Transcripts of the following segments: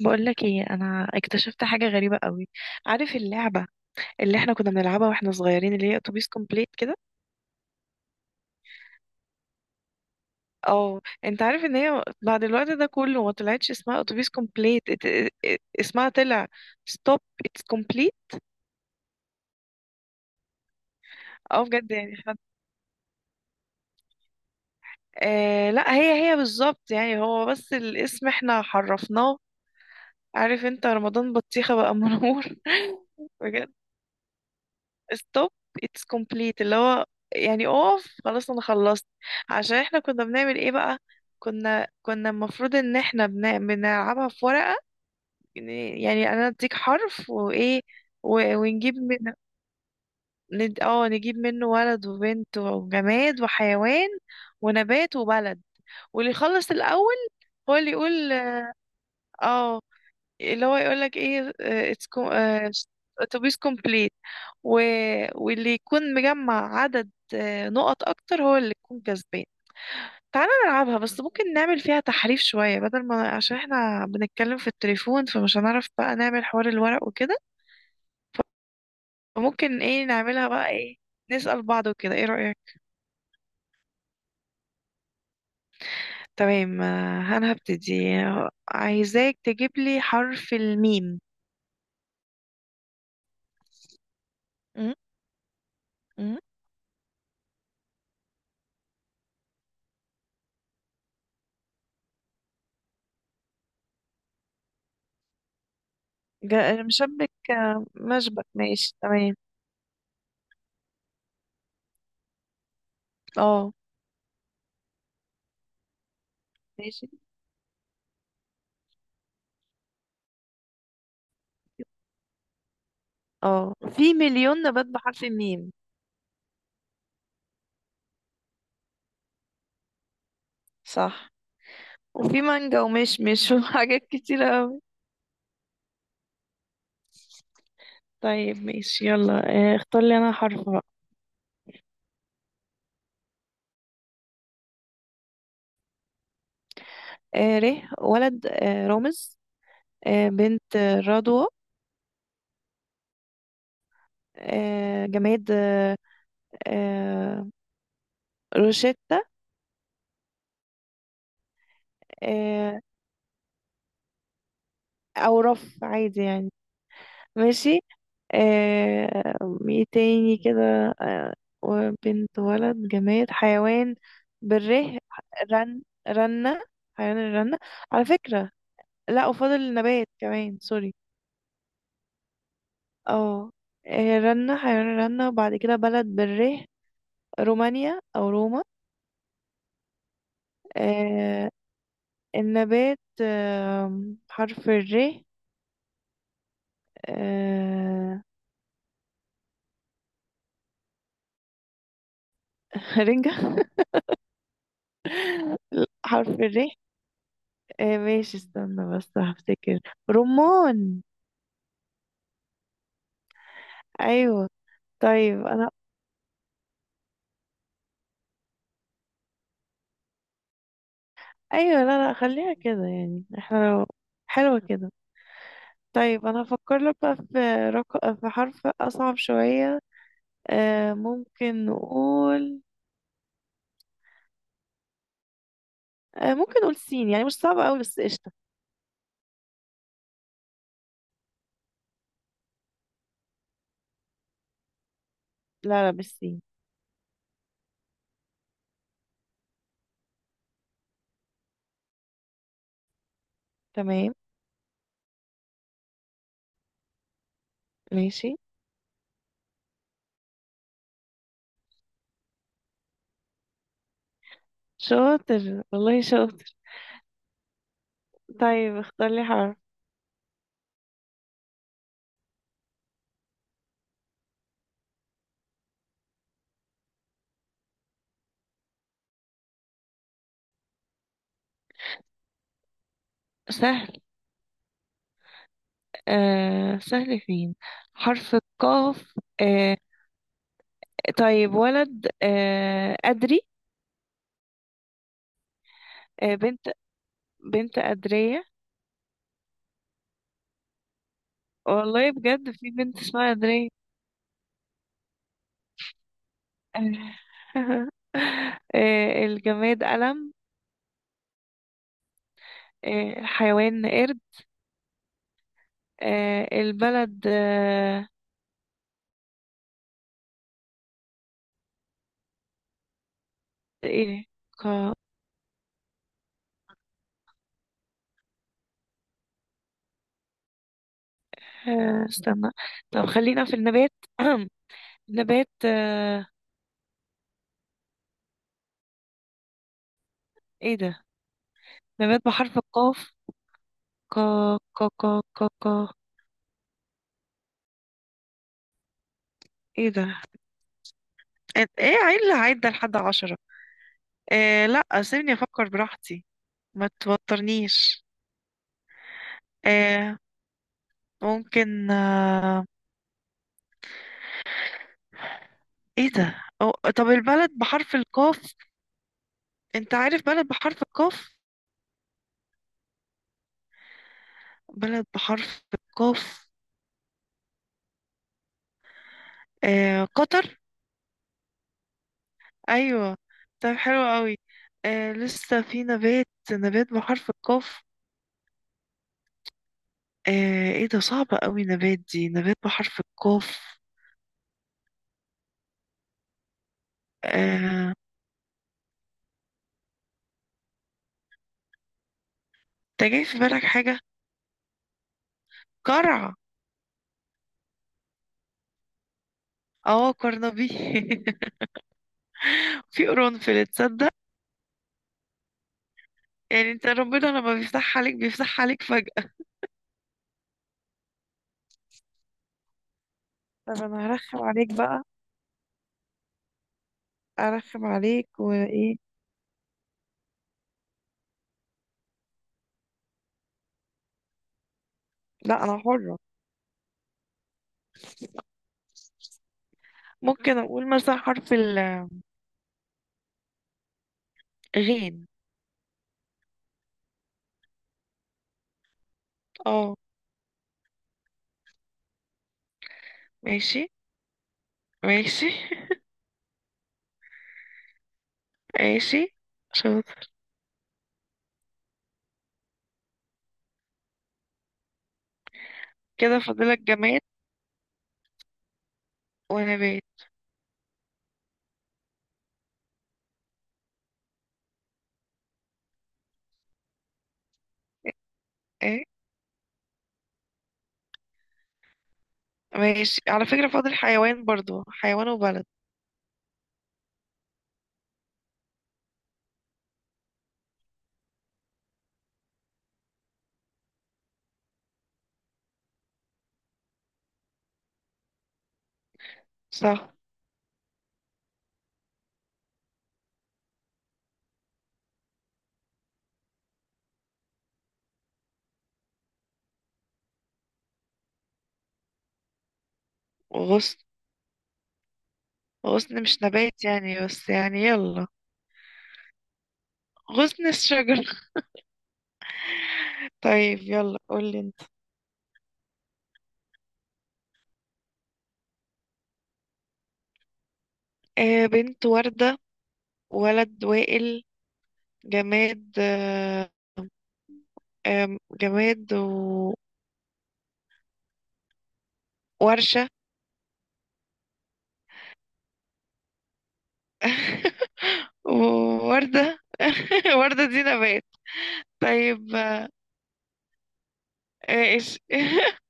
بقولك ايه؟ انا اكتشفت حاجه غريبه قوي. عارف اللعبه اللي احنا كنا بنلعبها واحنا صغيرين اللي هي اتوبيس كومبليت كده؟ اه، انت عارف ان هي بعد الوقت ده كله ما طلعتش اسمها اتوبيس كومبليت، اسمها طلع ستوب اتس كومبليت. اه بجد، يعني حد. لا، هي بالظبط، يعني هو بس الاسم احنا حرفناه. عارف انت رمضان بطيخه بقى منور بجد. stop it's complete، اللي هو يعني اقف، خلاص انا خلصت. عشان احنا كنا بنعمل ايه بقى؟ كنا المفروض ان احنا بنلعبها في ورقة. يعني انا اديك حرف وايه، ونجيب من، نجيب منه ولد وبنت وجماد وحيوان ونبات وبلد، واللي يخلص الاول هو اللي يقول. اه. اللي هو يقول لك ايه؟ اتس اتوبيس كومبليت. و، واللي يكون مجمع عدد نقط اكتر هو اللي يكون كسبان. تعالى نلعبها، بس ممكن نعمل فيها تحريف شوية، بدل ما، عشان احنا بنتكلم في التليفون فمش هنعرف بقى نعمل حوار الورق وكده. فممكن ايه نعملها بقى؟ ايه، نسأل بعض وكده، ايه رأيك؟ تمام. انا هبتدي. عايزاك تجيب لي حرف الميم. م- م- مشبك، مشبك ماشي تمام. اه ماشي. اه في مليون نبات بحرف الميم. صح، وفي مانجا ومشمش وحاجات كتيرة أوي. طيب ماشي، يلا. اختار لي أنا حرف بقى. ر. ولد، رامز. بنت، رضوى. جماد، آه، روشيتا. آه أو رف، عادي يعني. ماشي. آه ايه تاني كده؟ آه وبنت ولد جماد حيوان. بره. رن رنة، حيوان الرنة، على فكرة. لا، وفاضل نبات كمان، سوري. اه، رنة حيوان الرنة، وبعد كده بلد، بره، رومانيا أو روما. آه النبات، حرف الر. آه رنجة. حرف الر، ماشي استنى بس هفتكر. رمان. ايوه. طيب انا، ايوه، لا لا خليها كده، يعني احنا لو، حلوة كده. طيب انا هفكر لك بقى في، في حرف اصعب شوية. ممكن نقول، ممكن نقول سين، يعني مش صعب قوي بس قشطة. لا لا مش سين. تمام. ماشي. شاطر، والله شاطر. طيب اختار لي حرف سهل. سهل فين؟ حرف القاف. آه طيب ولد، أدري. بنت، بنت أدرية. والله بجد في بنت اسمها درين الجماد قلم. الحيوان قرد. البلد، ايه؟ ك- استنى، طب خلينا في النبات نبات، ايه ده؟ نبات بحرف القاف. ك ك ك ك ك ايه ده؟ ايه؟ إيه؟ عيل عدى لحد عشرة. إيه، لا سيبني افكر براحتي، ما توترنيش. إيه، ممكن، ايه ده؟ أو طب البلد بحرف القاف، انت عارف بلد بحرف القاف؟ بلد بحرف القاف. قطر. ايوه. طب حلو قوي. لسه في نبات، نبات بحرف القاف. ايه ده، صعبة قوي نبات دي، نبات بحرف القاف. آه انت جاي في بالك حاجة؟ قرع. اه قرنبي في قرنفل، تصدق؟ يعني انت ربنا لما بيفتح عليك بيفتح عليك فجأة. طب انا هرخم عليك بقى. ارخم عليك وايه؟ لا انا حرة. ممكن اقول مثلا حرف الغين. اه. ماشي. ماشي ماشي. شاطر. كده فاضلك جماد ونبات. ايه؟ ماشي، على فكرة فاضل حيوان برضو، حيوان وبلد. صح. وغصن. غصن مش نبات يعني، بس يعني يلا، غصن الشجر طيب يلا، قولي انت. بنت وردة. ولد وائل. جماد جماد وورشة وردة وردة دي نبات. طيب ايش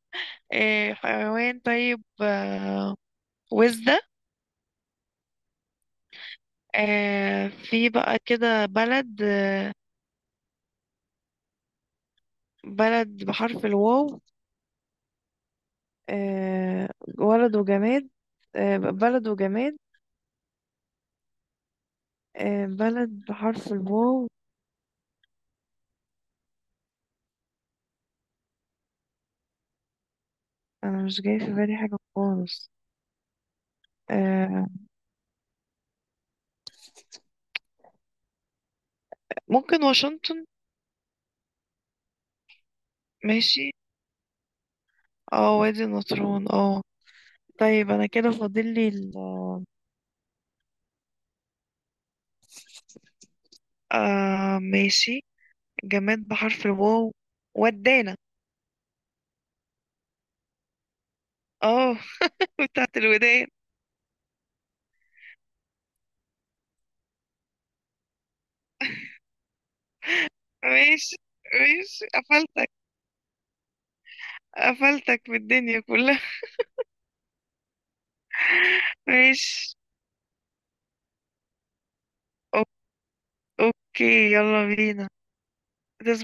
حيوان، طيب وزدة. في بقى كده بلد. بلد بحرف الواو. آه، ولد وجماد. بلد وجماد. بلد بحرف الواو. انا مش جاي في بالي حاجة خالص. آه، ممكن واشنطن. ماشي. اه وادي النطرون، اه. طيب انا كده فاضل لي. ماشي. جماد بحرف الواو. ودانا. اه. بتاعت الودان. ماشي. ماشي، قفلتك. قفلتك في الدنيا كلها. ماشي. أو- اوكي، يلا بينا. تصبح